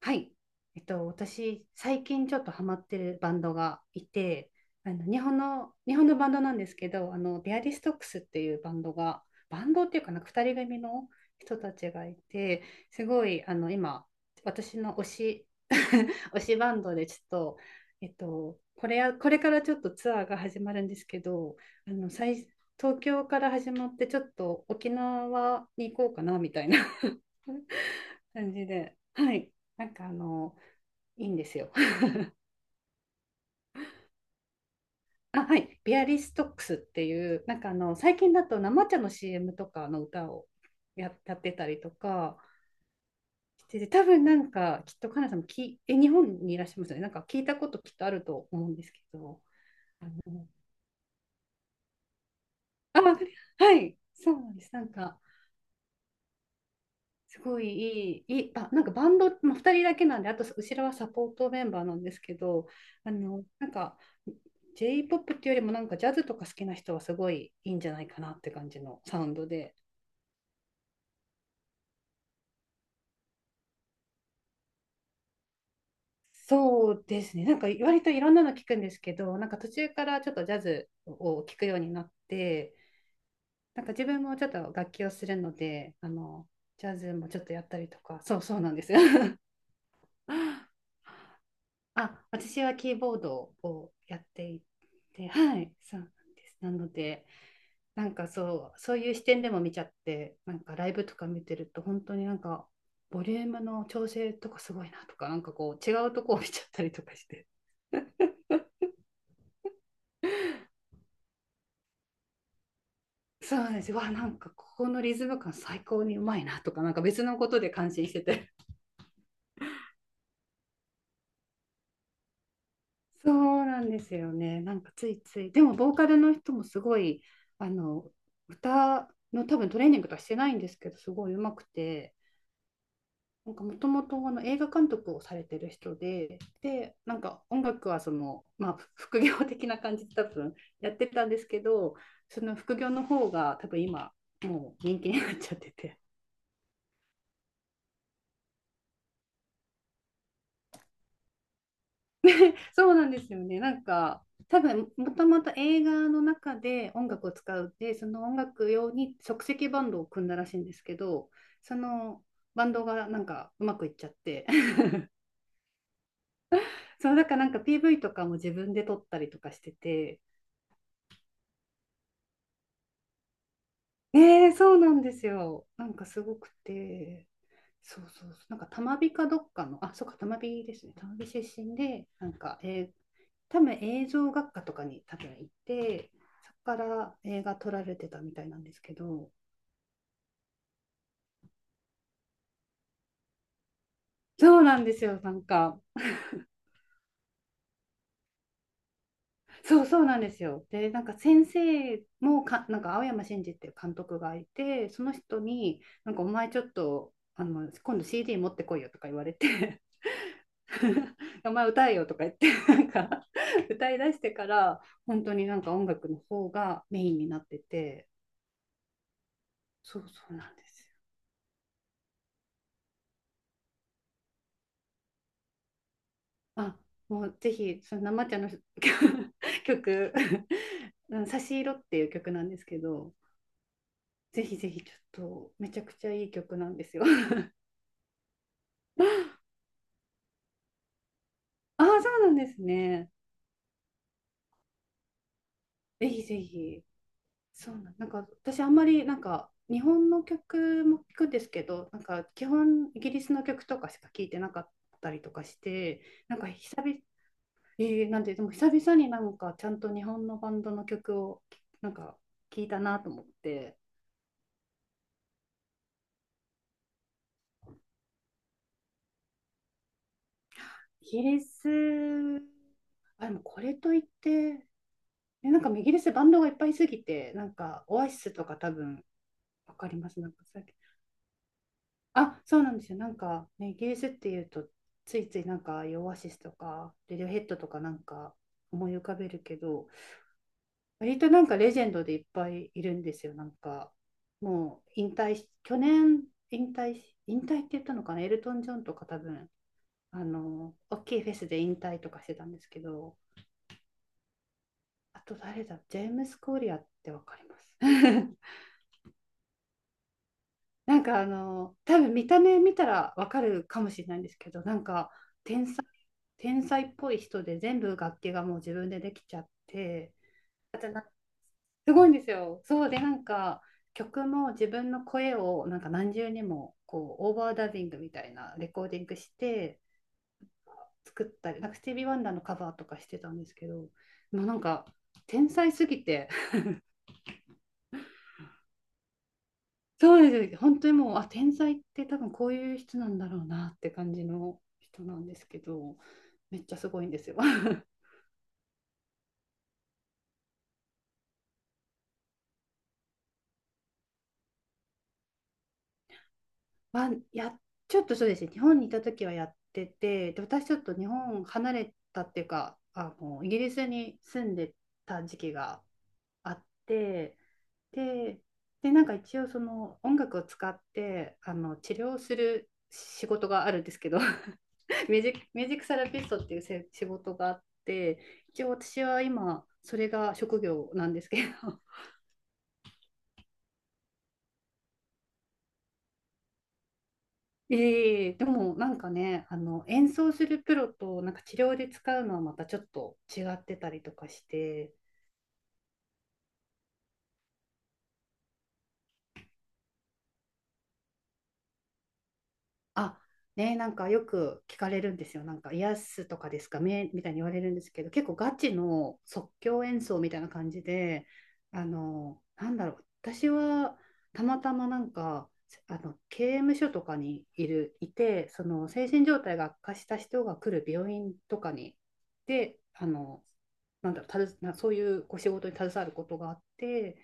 はい。私、最近ちょっとハマってるバンドがいて、日本のバンドなんですけど、ビアリストックスっていうバンドが、バンドっていうかなんか2人組の人たちがいて、すごい、今、私の推し、推しバンドでちょっと、これからちょっとツアーが始まるんですけど、あの、最、東京から始まって、ちょっと沖縄に行こうかな、みたいな 感じで、はい。なんかいいんですよ。あ、はい。ビアリストックスっていう、なんか最近だと生茶の CM とかの歌をやってたりとかしてて、多分なんか、きっとカナさんも日本にいらっしゃいますよね。なんか聞いたこときっとあると思うんですけど、あの、あ、はい。そうなんです。なんか、すごいいい、いい、あ、なんかバンド、まあ、2人だけなんで、あと後ろはサポートメンバーなんですけど、なんか J-POP っていうよりもなんかジャズとか好きな人はすごいいいんじゃないかなって感じのサウンドで。そうですね、なんか割といろんなの聞くんですけど、なんか途中からちょっとジャズを聞くようになって、なんか自分もちょっと楽器をするので、ジャズもちょっとやったりとか、そうそうなんですよ。あ、私はキーボードをやっていて、はい、そうなんです。なので、そういう視点でも見ちゃって、なんかライブとか見てると、本当になんか、ボリュームの調整とかすごいなとか、なんかこう、違うとこを見ちゃったりとかして、そうなんですよ。わ、なんかここのリズム感最高にうまいなとか、なんか別のことで感心してて。そうなんですよね。なんかついつい。でも、ボーカルの人もすごい、あの、歌の多分トレーニングとかしてないんですけど、すごい上手くて、なんかもともとあの映画監督をされてる人で、で、なんか音楽はその、まあ、副業的な感じで多分やってたんですけど、その副業の方が多分今、もう人気になっちゃってて そうなんですよね。なんか、多分もともと映画の中で音楽を使うで、その音楽用に即席バンドを組んだらしいんですけど、そのバンドがなんかうまくいっちゃって そうだからなんか PV とかも自分で撮ったりとかしてて、ねえ、そうなんですよ。なんかすごくて、そうそうそう、なんかたまびかどっかの、あ、そうか、たまびですね、たまび出身で、なんか、多分映像学科とかに多分行って、そこから映画撮られてたみたいなんですけど、そうなんですよ、なんか、そうそうなんですよ。で、なんか先生もか、なんか青山真治っていう監督がいて、その人に、なんかお前ちょっと、今度 CD 持ってこいよとか言われて お前歌えよとか言って なんか歌いだしてから本当になんか音楽の方がメインになってて。そうそうなんですよ。あもうぜひその生茶の 曲差し色」っていう曲なんですけど、ぜひぜひちょっとめちゃくちゃいい曲なんですよ。ああ、そうなんですね。ぜひぜひ。なんか私あんまりなんか日本の曲も聞くんですけど、なんか基本イギリスの曲とかしか聞いてなかったりとかして、なんか久々、えーなんてでも久々になんかちゃんと日本のバンドの曲をなんか聞いたなと思って、イギリス、あ、でもこれといって、なんかイギリスバンドがいっぱいすぎて、なんかオアシスとか多分わかります。そうなんですよ。なんか、ね、イギリスっていうと、ついついなんか、オアシスとか、レディオヘッドとかなんか思い浮かべるけど、割となんかレジェンドでいっぱいいるんですよ。なんか、もう引退し、去年引退し、引退って言ったのかな、エルトン・ジョンとか多分、大きいフェスで引退とかしてたんですけど、あと誰だ、ジェームス・コーリアってわかります？なんか多分見た目見たらわかるかもしれないんですけど、なんか、天才っぽい人で全部楽器がもう自分でできちゃって、だってなすごいんですよ。そうでなんか曲も自分の声をなんか何重にもこうオーバーダビングみたいなレコーディングして作ったり、なんかスティービー・ワンダーのカバーとかしてたんですけど、もうなんか天才すぎて そうです、本当にもう、天才って多分こういう人なんだろうなって感じの人なんですけど、めっちゃすごいんですよ。はや、ちょっとそうですね、日本にいた時はやってて、で、私ちょっと日本離れたっていうか、イギリスに住んでた時期があって、で、なんか一応その音楽を使って、治療する仕事があるんですけど ミュージックセラピストっていう仕事があって、一応私は今、それが職業なんですけど、でもなんかね、演奏するプロとなんか治療で使うのはまたちょっと違ってたりとかして、あ、ね、なんかよく聞かれるんですよ。なんか、癒すとかですかねみたいに言われるんですけど、結構ガチの即興演奏みたいな感じで、なんだろう、私はたまたまなんか、刑務所とかにいて、その精神状態が悪化した人が来る病院とかに、で、なんだろう、たずなそういうこう仕事に携わることがあって、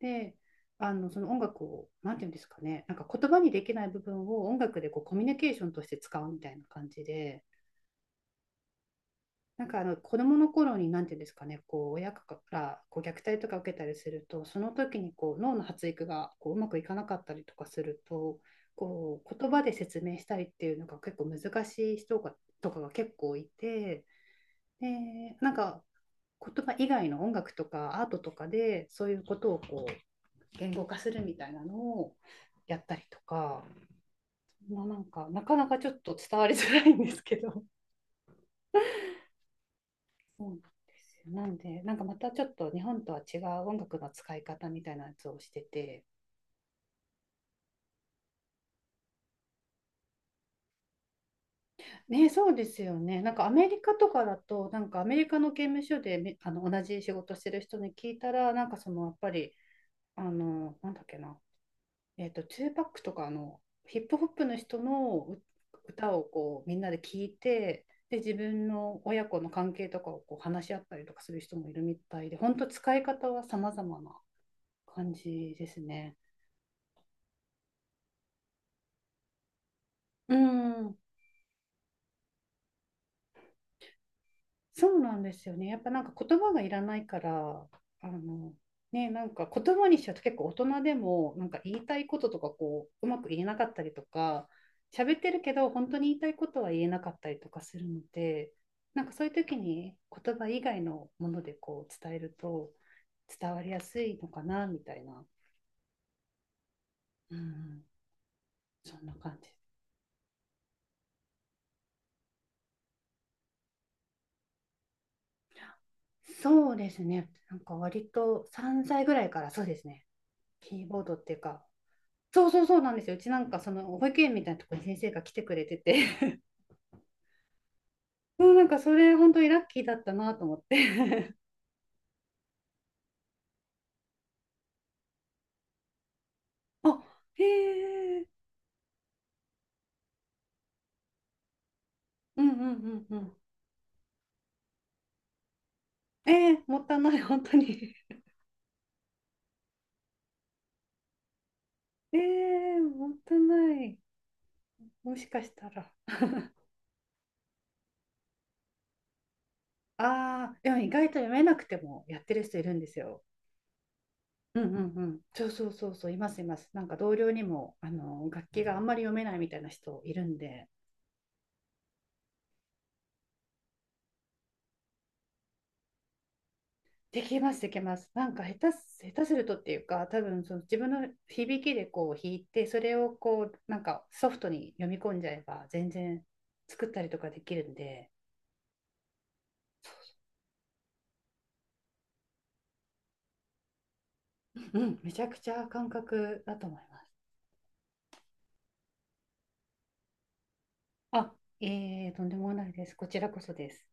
で、音楽を、なんていうんですかね、なんか言葉にできない部分を音楽でこうコミュニケーションとして使うみたいな感じで、なんか子どもの頃に、なんていうんですかね、こう親からこう虐待とか受けたりすると、その時にこう脳の発育がこううまくいかなかったりとかすると、こう言葉で説明したりっていうのが結構難しい人とかが結構いて、でなんか言葉以外の音楽とかアートとかでそういうことをこう言語化するみたいなのをやったりとか、まあ、なんかなかなかちょっと伝わりづらいんですけど。そうなんですよ。なんでなんかまたちょっと日本とは違う音楽の使い方みたいなやつをしてて、ね、そうですよね。なんかアメリカとかだとなんかアメリカの刑務所で、同じ仕事してる人に聞いたらなんかそのやっぱり、なんだっけな、ツーパックとかのヒップホップの人の歌をこうみんなで聞いて、で、自分の親子の関係とかをこう話し合ったりとかする人もいるみたいで、本当使い方は様々な感じですね。うん。そうなんですよね。やっぱなんか言葉がいらないから、あの、ね、なんか言葉にしちゃうと結構大人でも、なんか言いたいこととかこう、うまく言えなかったりとか、喋ってるけど、本当に言いたいことは言えなかったりとかするので、なんかそういう時に言葉以外のものでこう伝えると伝わりやすいのかな、みたいな。うん、そんな感じ。そうですね。なんか割と3歳ぐらいからそうですね。キーボードっていうか、そうそうそうなんですよ。うちなんかその保育園みたいなところに先生が来てくれてて、もうなんかそれ本当にラッキーだったなと思って。あ、へえ、うんうんうんうん。えー、もったいない、本当に。えー、もったいない。もしかしたら。ああ、でも意外と読めなくてもやってる人いるんですよ。うんうんうん。そうそうそうそう、いますいます。なんか同僚にも、楽器があんまり読めないみたいな人いるんで、できます、できます。なんか下手するとっていうか、多分その自分の響きでこう弾いて、それをこう、なんかソフトに読み込んじゃえば、全然作ったりとかできるんで、うん、めちゃくちゃ感覚だと思います。あ、とんでもないです。こちらこそです。